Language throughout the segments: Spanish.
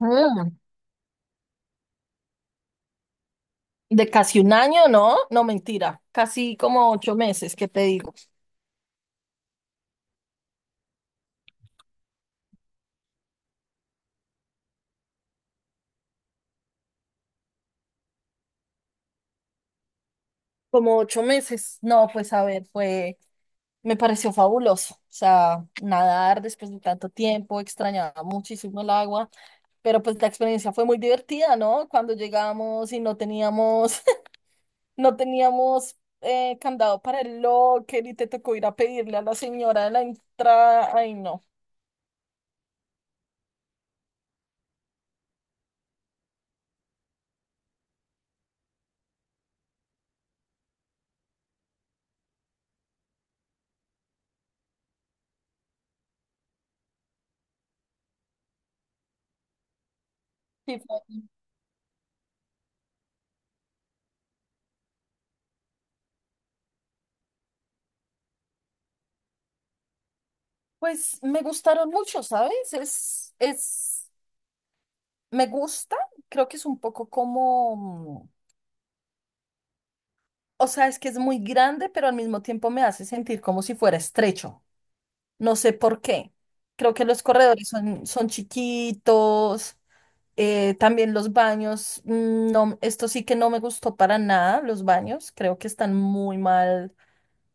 Mm, de casi un año, ¿no? No, mentira, casi como 8 meses, ¿qué te digo? Como 8 meses. No, pues a ver, me pareció fabuloso. O sea, nadar después de tanto tiempo, extrañaba muchísimo el agua, pero pues la experiencia fue muy divertida, ¿no? Cuando llegamos y no teníamos, no teníamos candado para el locker y te tocó ir a pedirle a la señora de la entrada. Ay, no. Sí. Pues me gustaron mucho, ¿sabes? Es. Me gusta, creo que es un poco como, mm, o sea, es que es muy grande, pero al mismo tiempo me hace sentir como si fuera estrecho. No sé por qué. Creo que los corredores son, chiquitos. También los baños, mm, no, esto sí que no me gustó para nada, los baños, creo que están muy mal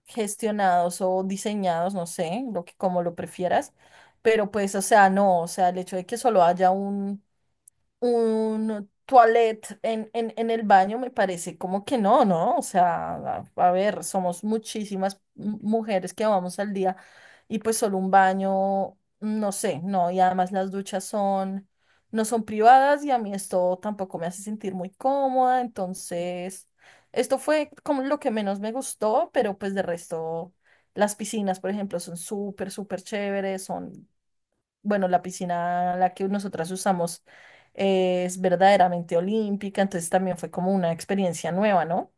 gestionados o diseñados, no sé, lo que como lo prefieras, pero pues, o sea, no, o sea, el hecho de que solo haya un toilet en el baño, me parece como que no, ¿no? O sea, a ver, somos muchísimas mujeres que vamos al día y pues solo un baño, no sé, no, y además las duchas no son privadas y a mí esto tampoco me hace sentir muy cómoda, entonces, esto fue como lo que menos me gustó, pero pues de resto, las piscinas, por ejemplo, son súper, súper chéveres. Bueno, la piscina la que nosotras usamos es verdaderamente olímpica, entonces también fue como una experiencia nueva, ¿no?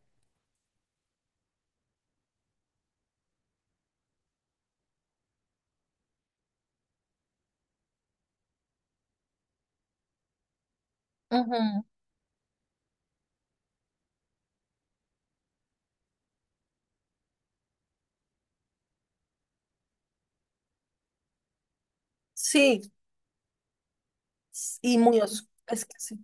Ujú. Sí, es que sí,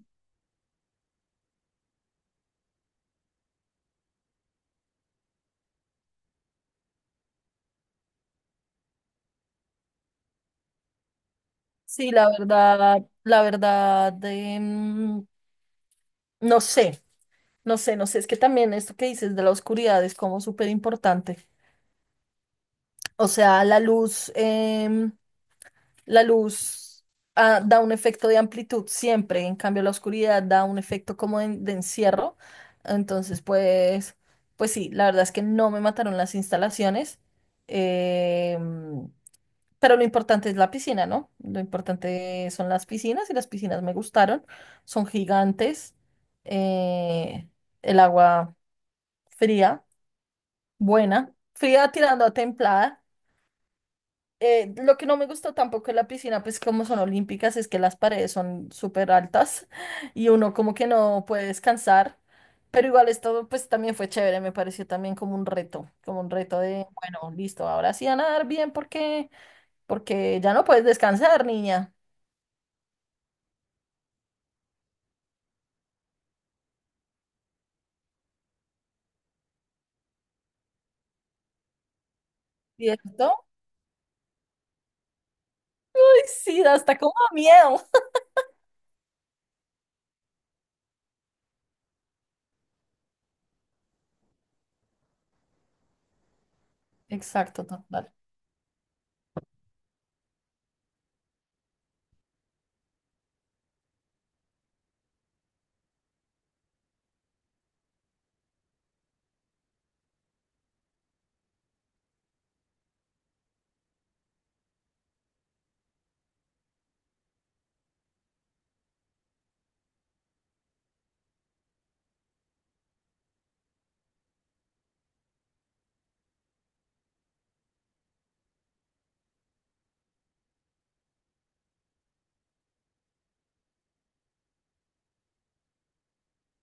sí, la verdad, no sé, no sé, es que también esto que dices de la oscuridad es como súper importante. O sea, la luz da un efecto de amplitud siempre, en cambio la oscuridad da un efecto como de encierro. Entonces, pues sí, la verdad es que no me mataron las instalaciones, eh, pero lo importante es la piscina, ¿no? Lo importante son las piscinas y las piscinas me gustaron, son gigantes, eh, el agua fría, buena, fría tirando a templada. Lo que no me gustó tampoco de la piscina, pues como son olímpicas, es que las paredes son súper altas y uno como que no puede descansar. Pero igual esto pues también fue chévere, me pareció también como un reto de, bueno, listo, ahora sí a nadar bien porque ya no puedes descansar, niña. ¿Cierto? Ay, sí, da hasta como miedo. Exacto, total.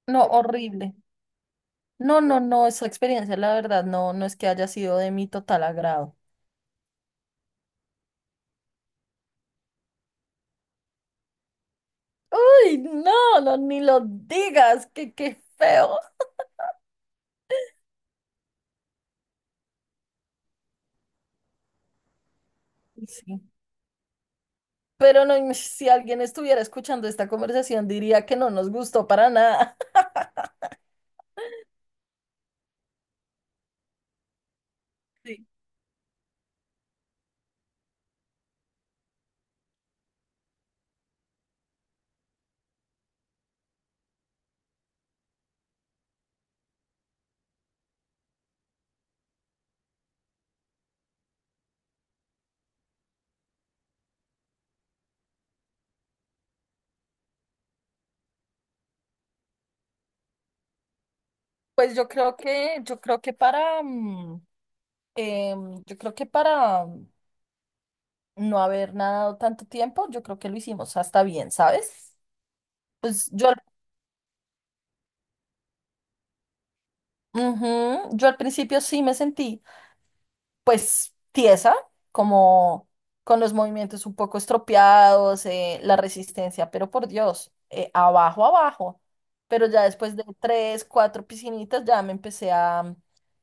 No, horrible. No, no, no, esa experiencia, la verdad, no, no es que haya sido de mi total agrado. Uy, no, no, ni lo digas, que qué feo. Sí. Pero no, si alguien estuviera escuchando esta conversación diría que no nos gustó para nada. Sí. Pues yo creo que para, em, yo creo que para mm, no haber nadado tanto tiempo, yo creo que lo hicimos hasta bien, ¿sabes? Pues ujú, yo al principio sí me sentí, pues tiesa, como con los movimientos un poco estropeados, la resistencia, pero por Dios, abajo, abajo. Pero ya después de tres, cuatro piscinitas,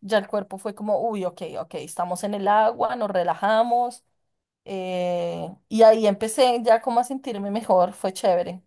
ya el cuerpo fue como, uy, ok, ok, estamos en el agua, nos relajamos. Y ahí empecé ya como a sentirme mejor, fue chévere.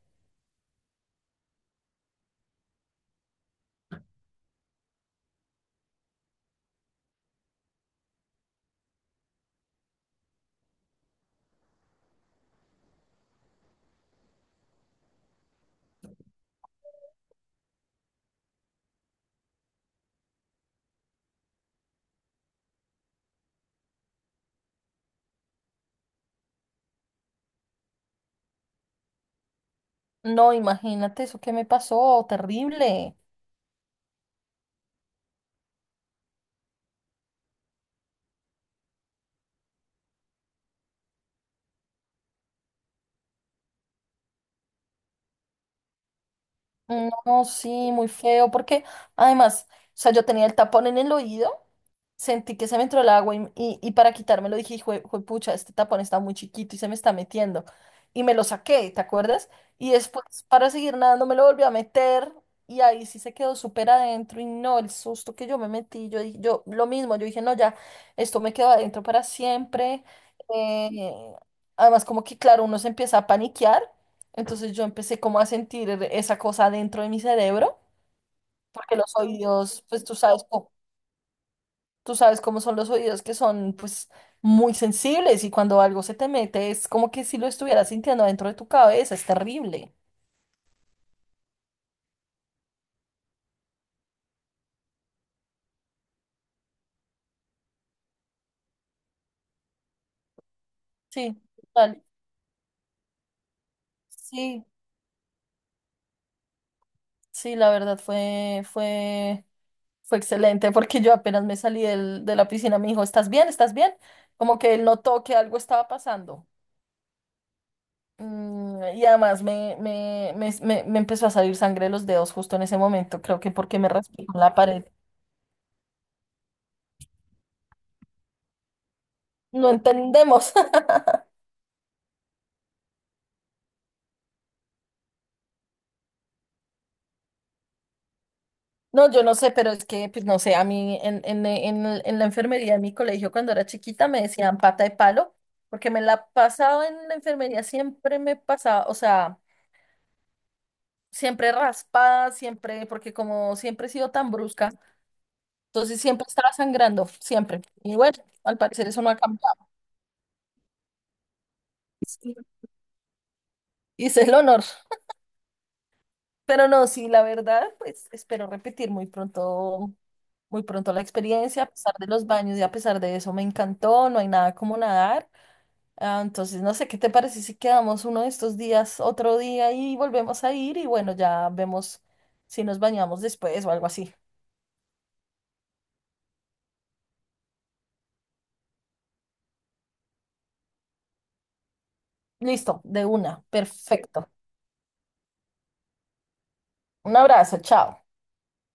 No, imagínate eso que me pasó, terrible. No, sí, muy feo, porque además, o sea, yo tenía el tapón en el oído, sentí que se me entró el agua y para quitármelo dije, hijo pucha, este tapón está muy chiquito y se me está metiendo. Y me lo saqué, ¿te acuerdas? Y después, para seguir nadando, me lo volví a meter y ahí sí se quedó súper adentro y no, el susto que yo me metí, yo lo mismo, yo dije, no, ya, esto me quedó adentro para siempre. eh, Además, como que, claro, uno se empieza a paniquear. Entonces yo empecé como a sentir esa cosa dentro de mi cerebro, porque los oídos, pues tú sabes, tú sabes cómo son los oídos, que son pues muy sensibles y cuando algo se te mete es como que si lo estuvieras sintiendo dentro de tu cabeza, es terrible. Sí, total. Sí, sí, la verdad fue excelente porque yo apenas me salí de la piscina, me dijo, ¿estás bien? ¿Estás bien? Como que él notó que algo estaba pasando. Y además me empezó a salir sangre de los dedos justo en ese momento, creo que porque me raspé con la pared. No entendemos. No, yo no sé, pero es que, pues no sé, a mí en la enfermería de mi colegio cuando era chiquita me decían pata de palo, porque me la pasaba en la enfermería, siempre me pasaba, o sea, siempre raspada, siempre, porque como siempre he sido tan brusca, entonces siempre estaba sangrando, siempre. Y bueno, al parecer eso no ha cambiado. Hice el honor. Pero no, sí, la verdad, pues espero repetir muy pronto la experiencia, a pesar de los baños y a pesar de eso me encantó, no hay nada como nadar. Ah, entonces, no sé, ¿qué te parece si quedamos uno de estos días, otro día y volvemos a ir y bueno, ya vemos si nos bañamos después o algo así. Listo, de una, perfecto. Un abrazo, chao.